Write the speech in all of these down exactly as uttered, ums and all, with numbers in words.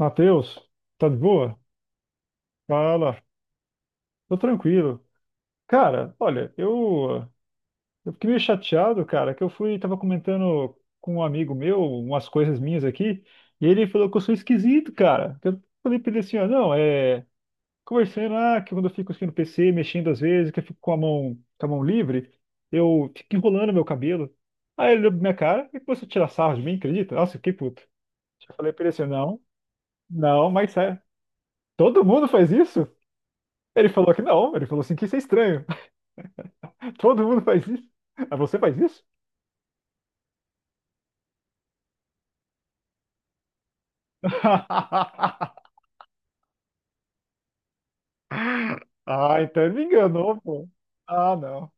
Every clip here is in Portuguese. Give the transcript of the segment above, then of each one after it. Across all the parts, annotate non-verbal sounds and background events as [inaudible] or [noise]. Matheus, tá de boa? Fala, tô tranquilo. Cara, olha, eu, eu fiquei meio chateado, cara, que eu fui, tava comentando com um amigo meu umas coisas minhas aqui, e ele falou que eu sou esquisito, cara. Eu falei pra ele assim, ó, não, é, conversando, ah, que quando eu fico aqui no P C, mexendo às vezes, que eu fico com a mão, com a mão livre, eu fico enrolando meu cabelo. Aí ele olhou pra minha cara e começou a tirar sarro de mim, acredita? Nossa, eu fiquei puto. Eu falei pra ele assim, não, não, mas sério, todo mundo faz isso? Ele falou que não, ele falou assim que isso é estranho. [laughs] Todo mundo faz isso. Ah, você faz isso? [laughs] Ah, então ele me enganou, pô. Ah, não.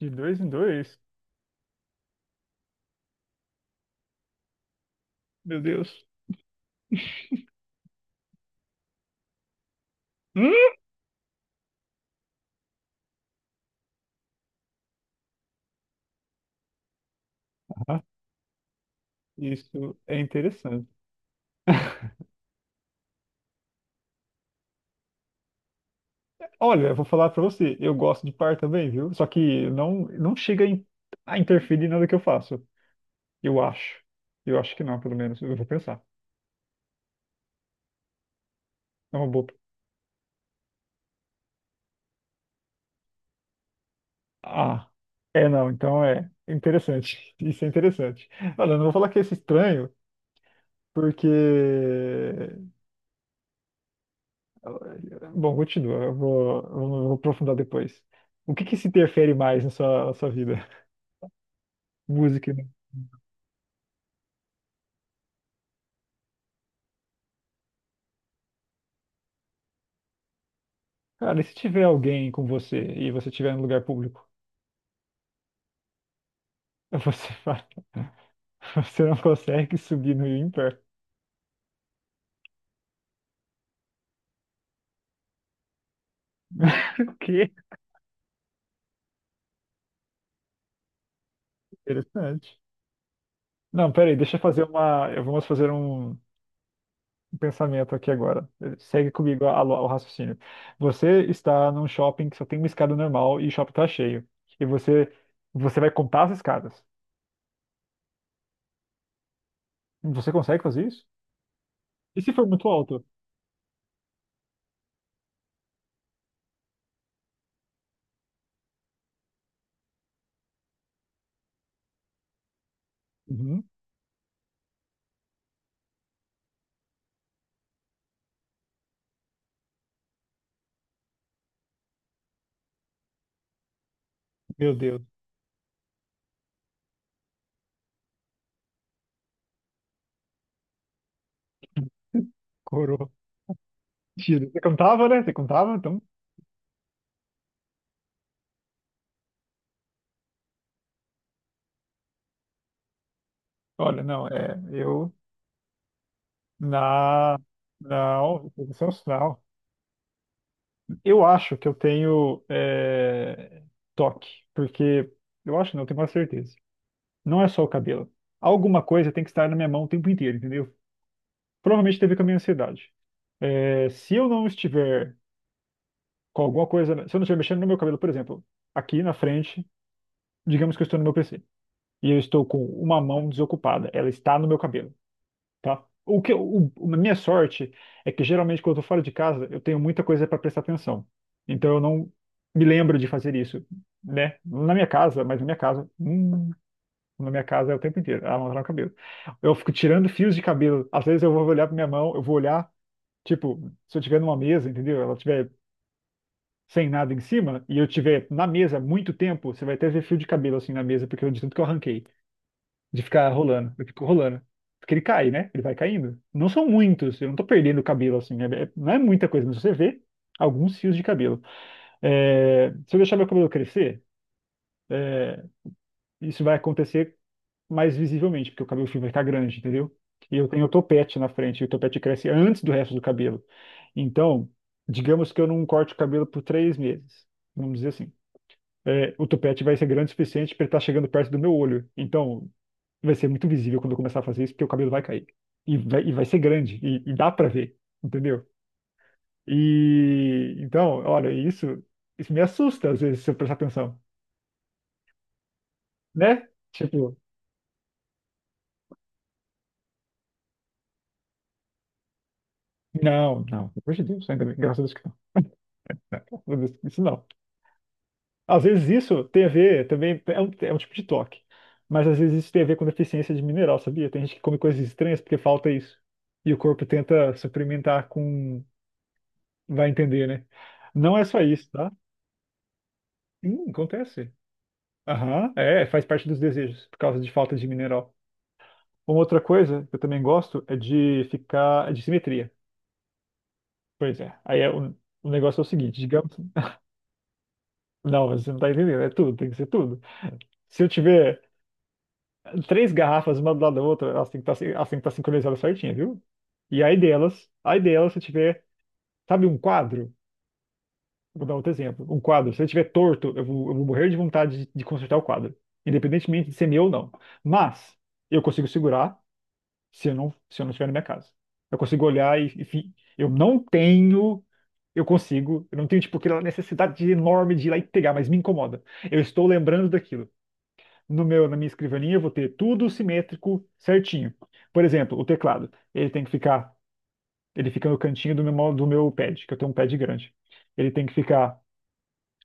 De dois em dois. Meu Deus. Hum, Ah, isso é interessante. [laughs] Olha, eu vou falar pra você, eu gosto de par também, viu? Só que não não chega em- a interferir em nada que eu faço. Eu acho. Eu acho que não, pelo menos. Eu vou pensar. É uma boa. Ah, é não, então é interessante. [laughs] Isso é interessante. Olha, eu não vou falar que é esse estranho porque. eh, Bom, continua, eu vou, eu vou aprofundar depois. O que que se interfere mais na sua, na sua vida? [laughs] Música, né? Cara, e se tiver alguém com você e você estiver em lugar público, você vai, [laughs] você não consegue subir no Imper. [laughs] O quê? Interessante. Não, peraí, deixa eu fazer uma. eu- Vamos fazer um, um pensamento aqui agora. Segue comigo a- a- o raciocínio. Você está num shopping que só tem uma escada normal e o shopping está cheio. E você, você vai contar as escadas. Você consegue fazer isso? E se for muito alto? Uhum. Meu Deus. Coroa. Tira. Você contava, né? Você contava? Então, olha, não, é. Eu. Na. Não, isso é um sinal. Eu acho que eu tenho é, toque, porque. Eu acho, não, eu tenho quase certeza. Não é só o cabelo. Alguma coisa tem que estar na minha mão o tempo inteiro, entendeu? Provavelmente teve com a minha ansiedade. É, se eu não estiver com alguma coisa, se eu não estiver mexendo no meu cabelo, por exemplo, aqui na frente, digamos que eu estou no meu P C e eu estou com uma mão desocupada, ela está no meu cabelo, tá? O que, eu- o, a minha sorte é que geralmente quando eu estou fora de casa, eu tenho muita coisa para prestar atenção. Então eu não me lembro de fazer isso, né? Na minha casa, mas na minha casa, hum. Na minha casa é o tempo inteiro, ela amarra no cabelo. Eu fico tirando fios de cabelo. Às vezes eu vou olhar pra minha mão, eu vou olhar, tipo, se eu tiver numa mesa, entendeu? Ela tiver sem nada em cima, e eu tiver na mesa muito tempo, você vai até ver fio de cabelo assim na mesa, porque eu de tanto que eu arranquei, de ficar rolando. Eu fico rolando. Porque ele cai, né? Ele vai caindo. Não são muitos, eu não tô perdendo cabelo assim, é- é- não é muita coisa, mas você vê alguns fios de cabelo. É, se eu deixar meu cabelo crescer, é, isso vai acontecer mais visivelmente, porque o cabelo fio vai ficar grande, entendeu? E eu tenho o topete na frente, e o topete cresce antes do resto do cabelo. Então, digamos que eu não corte o cabelo por três meses, vamos dizer assim. É, o topete vai ser grande o suficiente para ele estar chegando perto do meu olho. Então, vai ser muito visível quando eu começar a fazer isso, porque o cabelo vai cair. E vai, e vai ser grande, e, e dá para ver, entendeu? E então, olha, isso, isso me assusta às vezes, se eu prestar atenção, né? Tipo, não, não, pelo amor de Deus, ainda bem, graças a Deus que não. Não, graças a Deus, isso não. Às vezes isso tem a ver também, é um, é um tipo de toque, mas às vezes isso tem a ver com deficiência de mineral, sabia? Tem gente que come coisas estranhas porque falta isso. E o corpo tenta suplementar com. Vai entender, né? Não é só isso, tá? Sim, acontece. Aham, é, faz parte dos desejos, por causa de falta de mineral. Uma outra coisa que eu também gosto é de ficar. É de simetria. Pois é. Aí é, o, o negócio é o seguinte, digamos. [laughs] Não, mas você não tá entendendo, é tudo, tem que ser tudo. Se eu tiver três garrafas, uma do lado da outra, elas têm que estar, elas têm que estar sincronizadas certinho, viu? E aí delas, aí delas, se tiver, sabe, um quadro, vou dar outro exemplo, um quadro, se ele tiver torto, eu vou, eu vou morrer de vontade de, de consertar o quadro, independentemente de ser meu ou não. Mas eu consigo segurar se eu não, se eu não estiver na minha casa. Eu consigo olhar e, enfim, eu não tenho, eu consigo, eu não tenho, tipo, aquela necessidade enorme de ir lá e pegar, mas me incomoda. Eu estou lembrando daquilo no meu, na minha escrivaninha, eu vou ter tudo simétrico, certinho. Por exemplo, o teclado, ele tem que ficar, ele fica no cantinho do meu, mo- do meu pad, que eu tenho um pad grande. Ele tem que ficar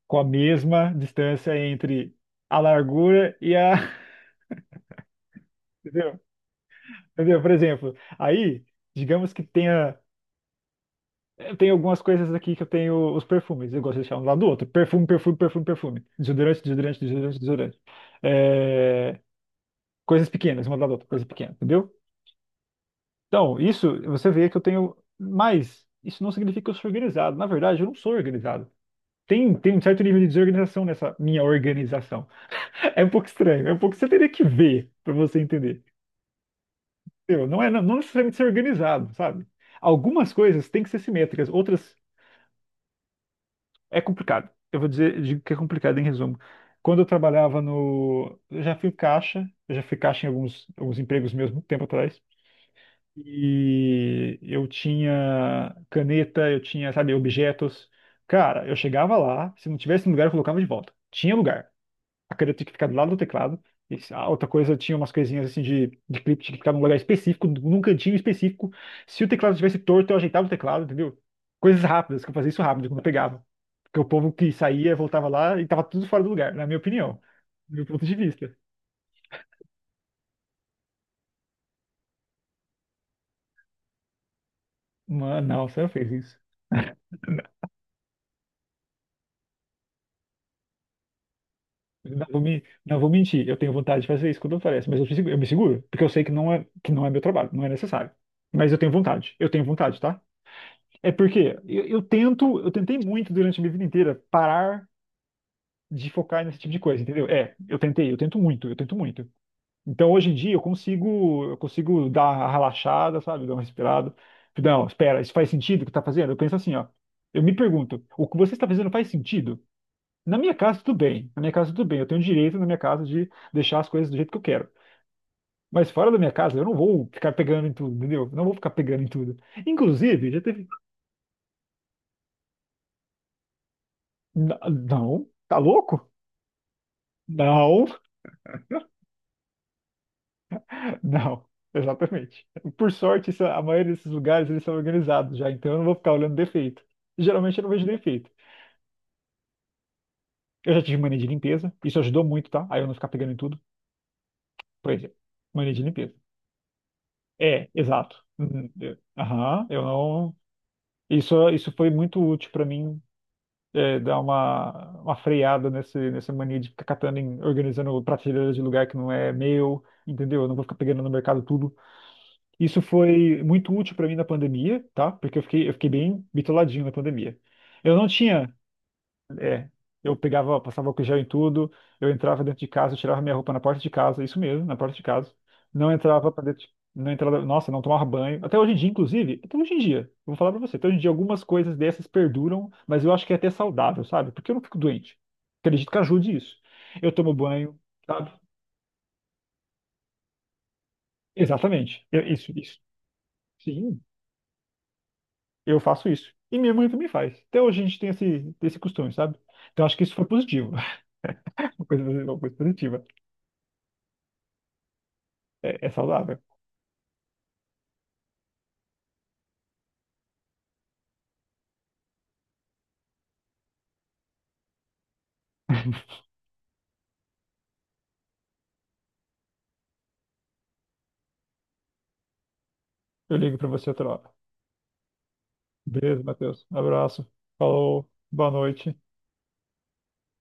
com a mesma distância entre a largura e a, [laughs] entendeu? Entendeu? Por exemplo, aí, digamos que tenha eu tenho algumas coisas aqui que eu tenho os perfumes, eu gosto de deixar um do lado do outro. Perfume, perfume, perfume, perfume. Desodorante, desodorante, desodorante, desodorante. É, coisas pequenas, uma do lado da outra, coisa pequena, entendeu? Então, isso, você vê que eu tenho. Mas isso não significa que eu sou organizado. Na verdade, eu não sou organizado. Tem, tem um certo nível de desorganização nessa minha organização. [laughs] É um pouco estranho, é um pouco. Você teria que ver para você entender. Entendeu? Não é não não necessariamente ser organizado, sabe? Algumas coisas têm que ser simétricas, outras é complicado. Eu vou dizer, digo que é complicado em resumo. Quando eu trabalhava no. Eu já fui caixa, eu já fui caixa em alguns, alguns empregos meus, muito tempo atrás. E eu tinha caneta, eu tinha, sabe, objetos. Cara, eu chegava lá, se não tivesse um lugar, eu colocava de volta. Tinha lugar. A caneta tinha que ficar do lado do teclado. E se- a outra coisa, tinha umas coisinhas assim de, de clipe, tinha que ficar num lugar específico, num cantinho específico. Se o teclado estivesse torto, eu ajeitava o teclado, entendeu? Coisas rápidas, que eu fazia isso rápido quando eu pegava. Porque o povo que saía, voltava lá e tava tudo fora do lugar, na minha opinião, do meu ponto de vista. Mano, não, você não fez isso. Não vou, me, não vou mentir, eu tenho vontade de fazer isso quando aparece, mas eu, me segu- eu me seguro, porque eu sei que não é, que não é meu trabalho, não é necessário. Mas eu tenho vontade, eu tenho vontade, tá? É porque eu, eu tento, eu tentei muito durante a minha vida inteira parar de focar nesse tipo de coisa, entendeu? É, eu tentei, eu tento muito, eu tento muito. Então hoje em dia eu consigo, eu consigo dar uma relaxada, sabe? Dar uma respirada. Não, espera, isso faz sentido o que tá fazendo? Eu penso assim, ó. Eu me pergunto, o que você está fazendo faz sentido? Na minha casa, tudo bem. Na minha casa, tudo bem. Eu tenho direito na minha casa de deixar as coisas do jeito que eu quero. Mas fora da minha casa, eu não vou ficar pegando em tudo, entendeu? Eu não vou ficar pegando em tudo. Inclusive, já teve. N- Não, tá louco? Não, [laughs] não. Exatamente. Por sorte, isso- a maioria desses lugares eles são organizados já, então eu não vou ficar olhando defeito. Geralmente eu não vejo defeito. Eu já tive mania de limpeza, isso ajudou muito, tá? Aí eu não ficar pegando em tudo. Por exemplo, mania de limpeza. É, exato. Uhum, eu- Aham, eu não. Isso, isso foi muito útil para mim, é, dar uma, uma freada nesse, nessa mania de ficar catando, em, organizando prateleiras de lugar que não é meu, entendeu? Eu não vou ficar pegando no mercado tudo. Isso foi muito útil para mim na pandemia, tá? Porque eu fiquei, eu fiquei bem bitoladinho na pandemia. Eu não tinha é, eu pegava, passava álcool gel em tudo, eu entrava dentro de casa, eu tirava minha roupa na porta de casa, isso mesmo, na porta de casa. Não entrava pra dentro, de- não entrava, nossa, não tomava banho. Até hoje em dia, inclusive, até hoje em dia, eu vou falar pra você, até hoje em dia algumas coisas dessas perduram, mas eu acho que é até saudável, sabe? Porque eu não fico doente. Acredito que ajude isso. Eu tomo banho, sabe? Exatamente. Eu- isso, isso. Sim, eu faço isso. E minha mãe também faz. Até hoje a gente tem esse, esse costume, sabe? Então acho que isso foi positivo. [laughs] Uma coisa, uma coisa positiva. É é saudável. Eu ligo para você outra hora. Beijo, Matheus. Abraço. Falou. Boa noite.